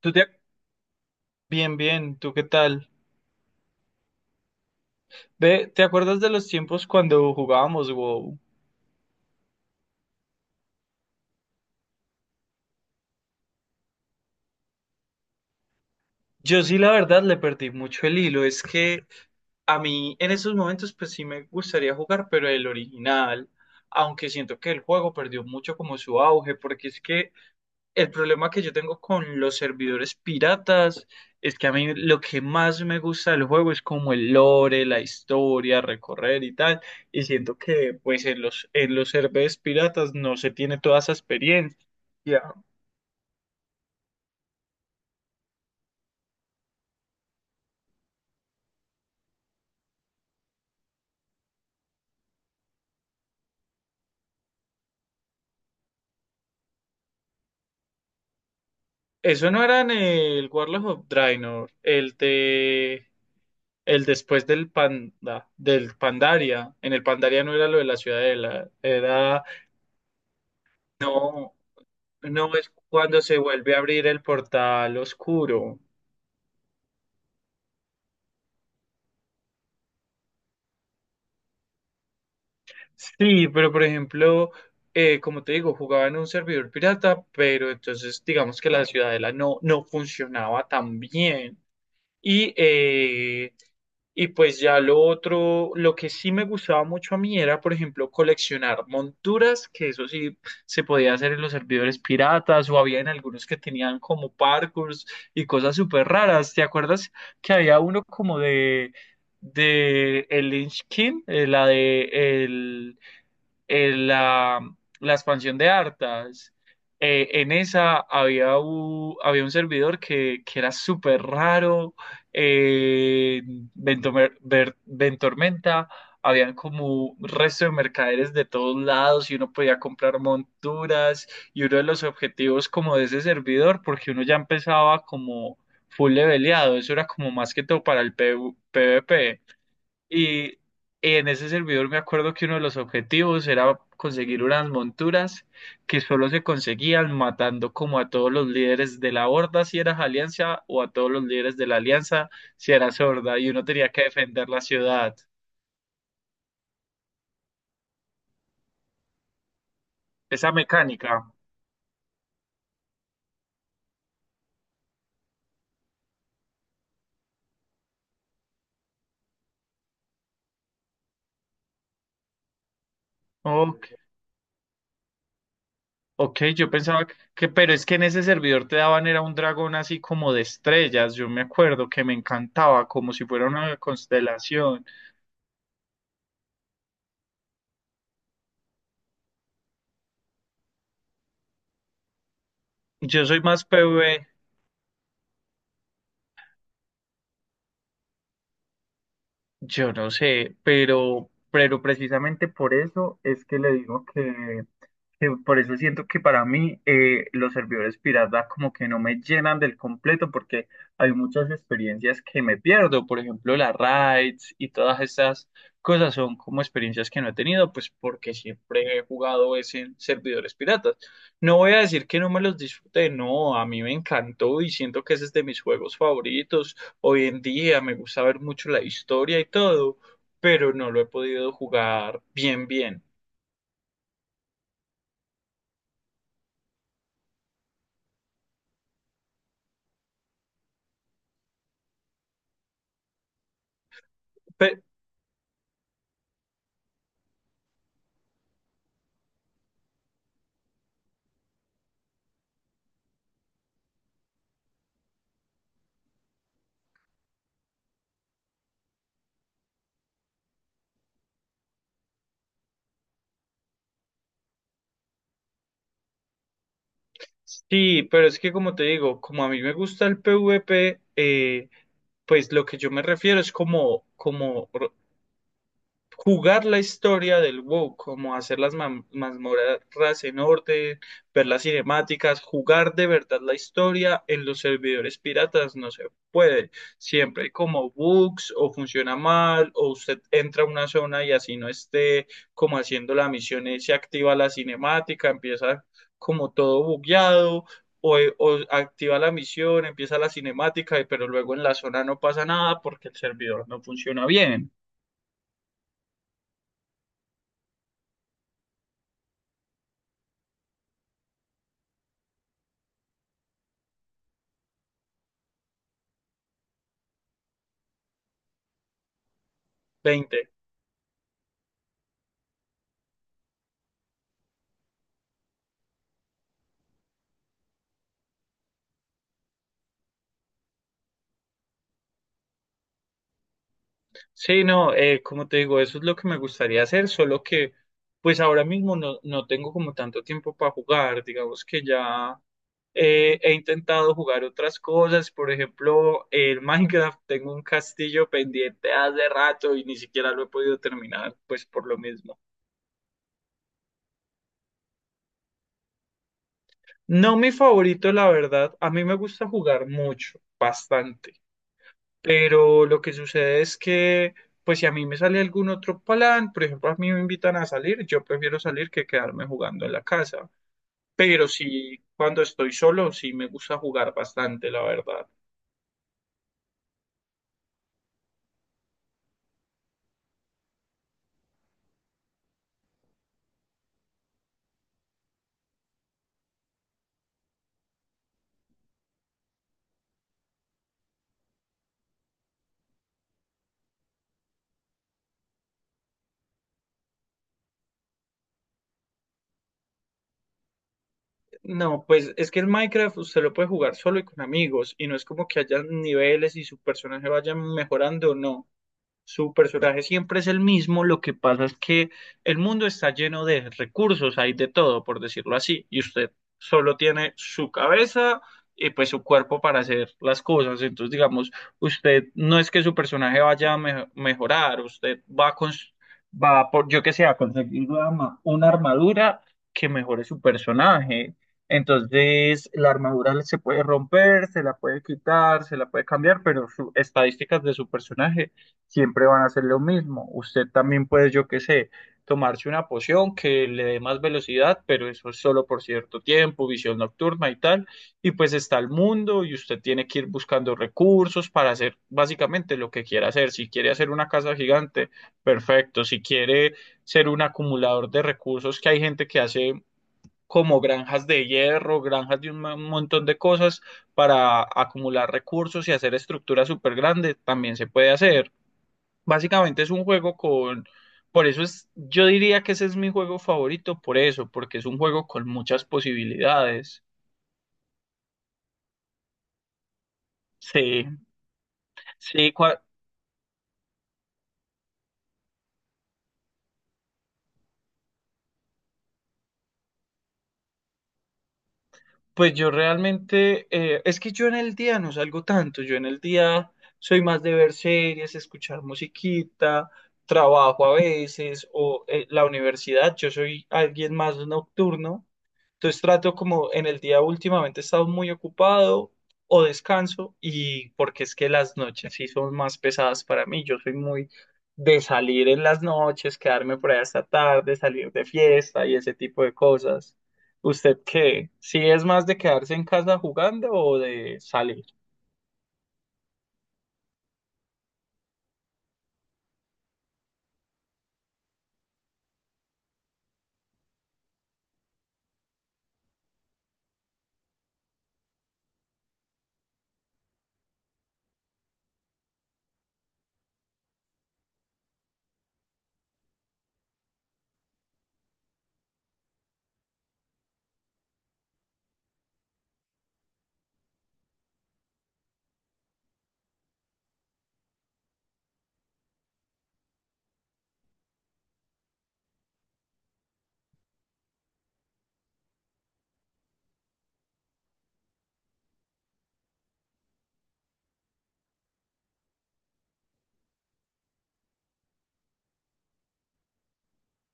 ¿Tú te... ac- Bien, bien, ¿tú qué tal? Ve, ¿te acuerdas de los tiempos cuando jugábamos WoW? Yo sí, la verdad, le perdí mucho el hilo. Es que a mí en esos momentos, pues sí me gustaría jugar, pero el original, aunque siento que el juego perdió mucho como su auge, porque es que el problema que yo tengo con los servidores piratas es que a mí lo que más me gusta del juego es como el lore, la historia, recorrer y tal. Y siento que pues en los servidores piratas no se tiene toda esa experiencia. Eso no era en el Warlock of Draenor, el después del Pandaria. En el Pandaria no era lo de la ciudadela, era no, no es cuando se vuelve a abrir el portal oscuro. Sí, pero por ejemplo, como te digo, jugaba en un servidor pirata, pero entonces digamos que la ciudadela no funcionaba tan bien. Y, eh, y pues ya lo otro, lo que sí me gustaba mucho a mí era, por ejemplo, coleccionar monturas, que eso sí se podía hacer en los servidores piratas, o había en algunos que tenían como parkours y cosas súper raras. ¿Te acuerdas que había uno como de el Lynch King, eh, la, la expansión de Arthas? En esa había un servidor que era súper raro. eh, Ventormenta, habían como resto de mercaderes de todos lados y uno podía comprar monturas. Y uno de los objetivos como de ese servidor, porque uno ya empezaba como full leveleado, eso era como más que todo para el PvP. Y en ese servidor me acuerdo que uno de los objetivos era conseguir unas monturas que solo se conseguían matando como a todos los líderes de la horda si eras alianza, o a todos los líderes de la alianza si eras horda, y uno tenía que defender la ciudad. Esa mecánica. Ok, ok, yo pensaba pero es que en ese servidor te daban era un dragón así como de estrellas, yo me acuerdo que me encantaba como si fuera una constelación. Yo soy más PvE. Yo no sé, pero precisamente por eso es que le digo que por eso siento que para mí los servidores pirata como que no me llenan del completo porque hay muchas experiencias que me pierdo, por ejemplo las raids, y todas esas cosas son como experiencias que no he tenido pues porque siempre he jugado es en servidores piratas. No voy a decir que no me los disfruté, no, a mí me encantó y siento que ese es de mis juegos favoritos. Hoy en día me gusta ver mucho la historia y todo, pero no lo he podido jugar bien bien. Pe- Sí, pero es que como te digo, como a mí me gusta el PvP, pues lo que yo me refiero es como jugar la historia del WoW, como hacer las mazmorras en orden, ver las cinemáticas, jugar de verdad la historia en los servidores piratas no se puede. Siempre hay como bugs, o funciona mal, o usted entra a una zona y, así no esté como haciendo la misión, y se activa la cinemática, empieza como todo bugueado. O activa la misión, empieza la cinemática, pero luego en la zona no pasa nada porque el servidor no funciona bien. 20. Sí, no, como te digo, eso es lo que me gustaría hacer, solo que pues ahora mismo no tengo como tanto tiempo para jugar, digamos que ya he intentado jugar otras cosas, por ejemplo, el Minecraft, tengo un castillo pendiente hace rato y ni siquiera lo he podido terminar, pues por lo mismo. No mi favorito, la verdad. A mí me gusta jugar mucho, bastante. Pero lo que sucede es que, pues si a mí me sale algún otro plan, por ejemplo, a mí me invitan a salir, yo prefiero salir que quedarme jugando en la casa. Pero sí, cuando estoy solo, sí me gusta jugar bastante, la verdad. No, pues es que el Minecraft usted lo puede jugar solo y con amigos, y no es como que haya niveles y su personaje vaya mejorando, no. Su personaje siempre es el mismo, lo que pasa es que el mundo está lleno de recursos, hay de todo, por decirlo así, y usted solo tiene su cabeza y pues su cuerpo para hacer las cosas. Entonces, digamos, usted no es que su personaje vaya a mejorar, usted va a por, yo que sé, a conseguir una armadura que mejore su personaje. Entonces, la armadura se puede romper, se la puede quitar, se la puede cambiar, pero sus estadísticas de su personaje siempre van a hacer lo mismo. Usted también puede, yo qué sé, tomarse una poción que le dé más velocidad, pero eso es solo por cierto tiempo, visión nocturna y tal. Y pues está el mundo y usted tiene que ir buscando recursos para hacer básicamente lo que quiera hacer. Si quiere hacer una casa gigante, perfecto. Si quiere ser un acumulador de recursos, que hay gente que hace, como granjas de hierro, granjas de un montón de cosas para acumular recursos y hacer estructuras súper grandes, también se puede hacer. Básicamente es un juego. Por eso es, yo diría que ese es mi juego favorito, por eso, porque es un juego con muchas posibilidades. Sí, sí, pues yo realmente, es que yo en el día no salgo tanto, yo en el día soy más de ver series, escuchar musiquita, trabajo a veces, o la universidad, yo soy alguien más nocturno. Entonces trato como en el día, últimamente he estado muy ocupado, o descanso, y porque es que las noches sí son más pesadas para mí. Yo soy muy de salir en las noches, quedarme por ahí hasta tarde, salir de fiesta y ese tipo de cosas. ¿Usted qué? ¿Sí es más de quedarse en casa jugando o de salir?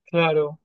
Claro.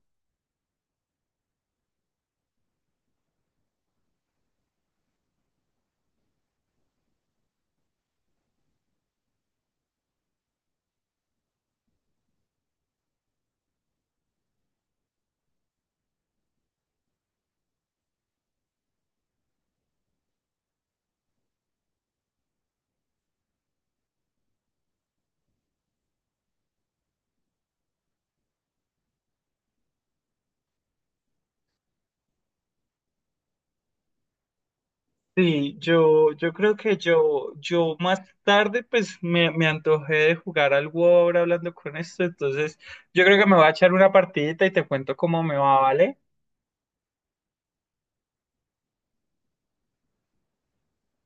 Sí, yo creo que yo más tarde pues me antojé de jugar algo ahora hablando con esto, entonces yo creo que me voy a echar una partidita y te cuento cómo me va, ¿vale?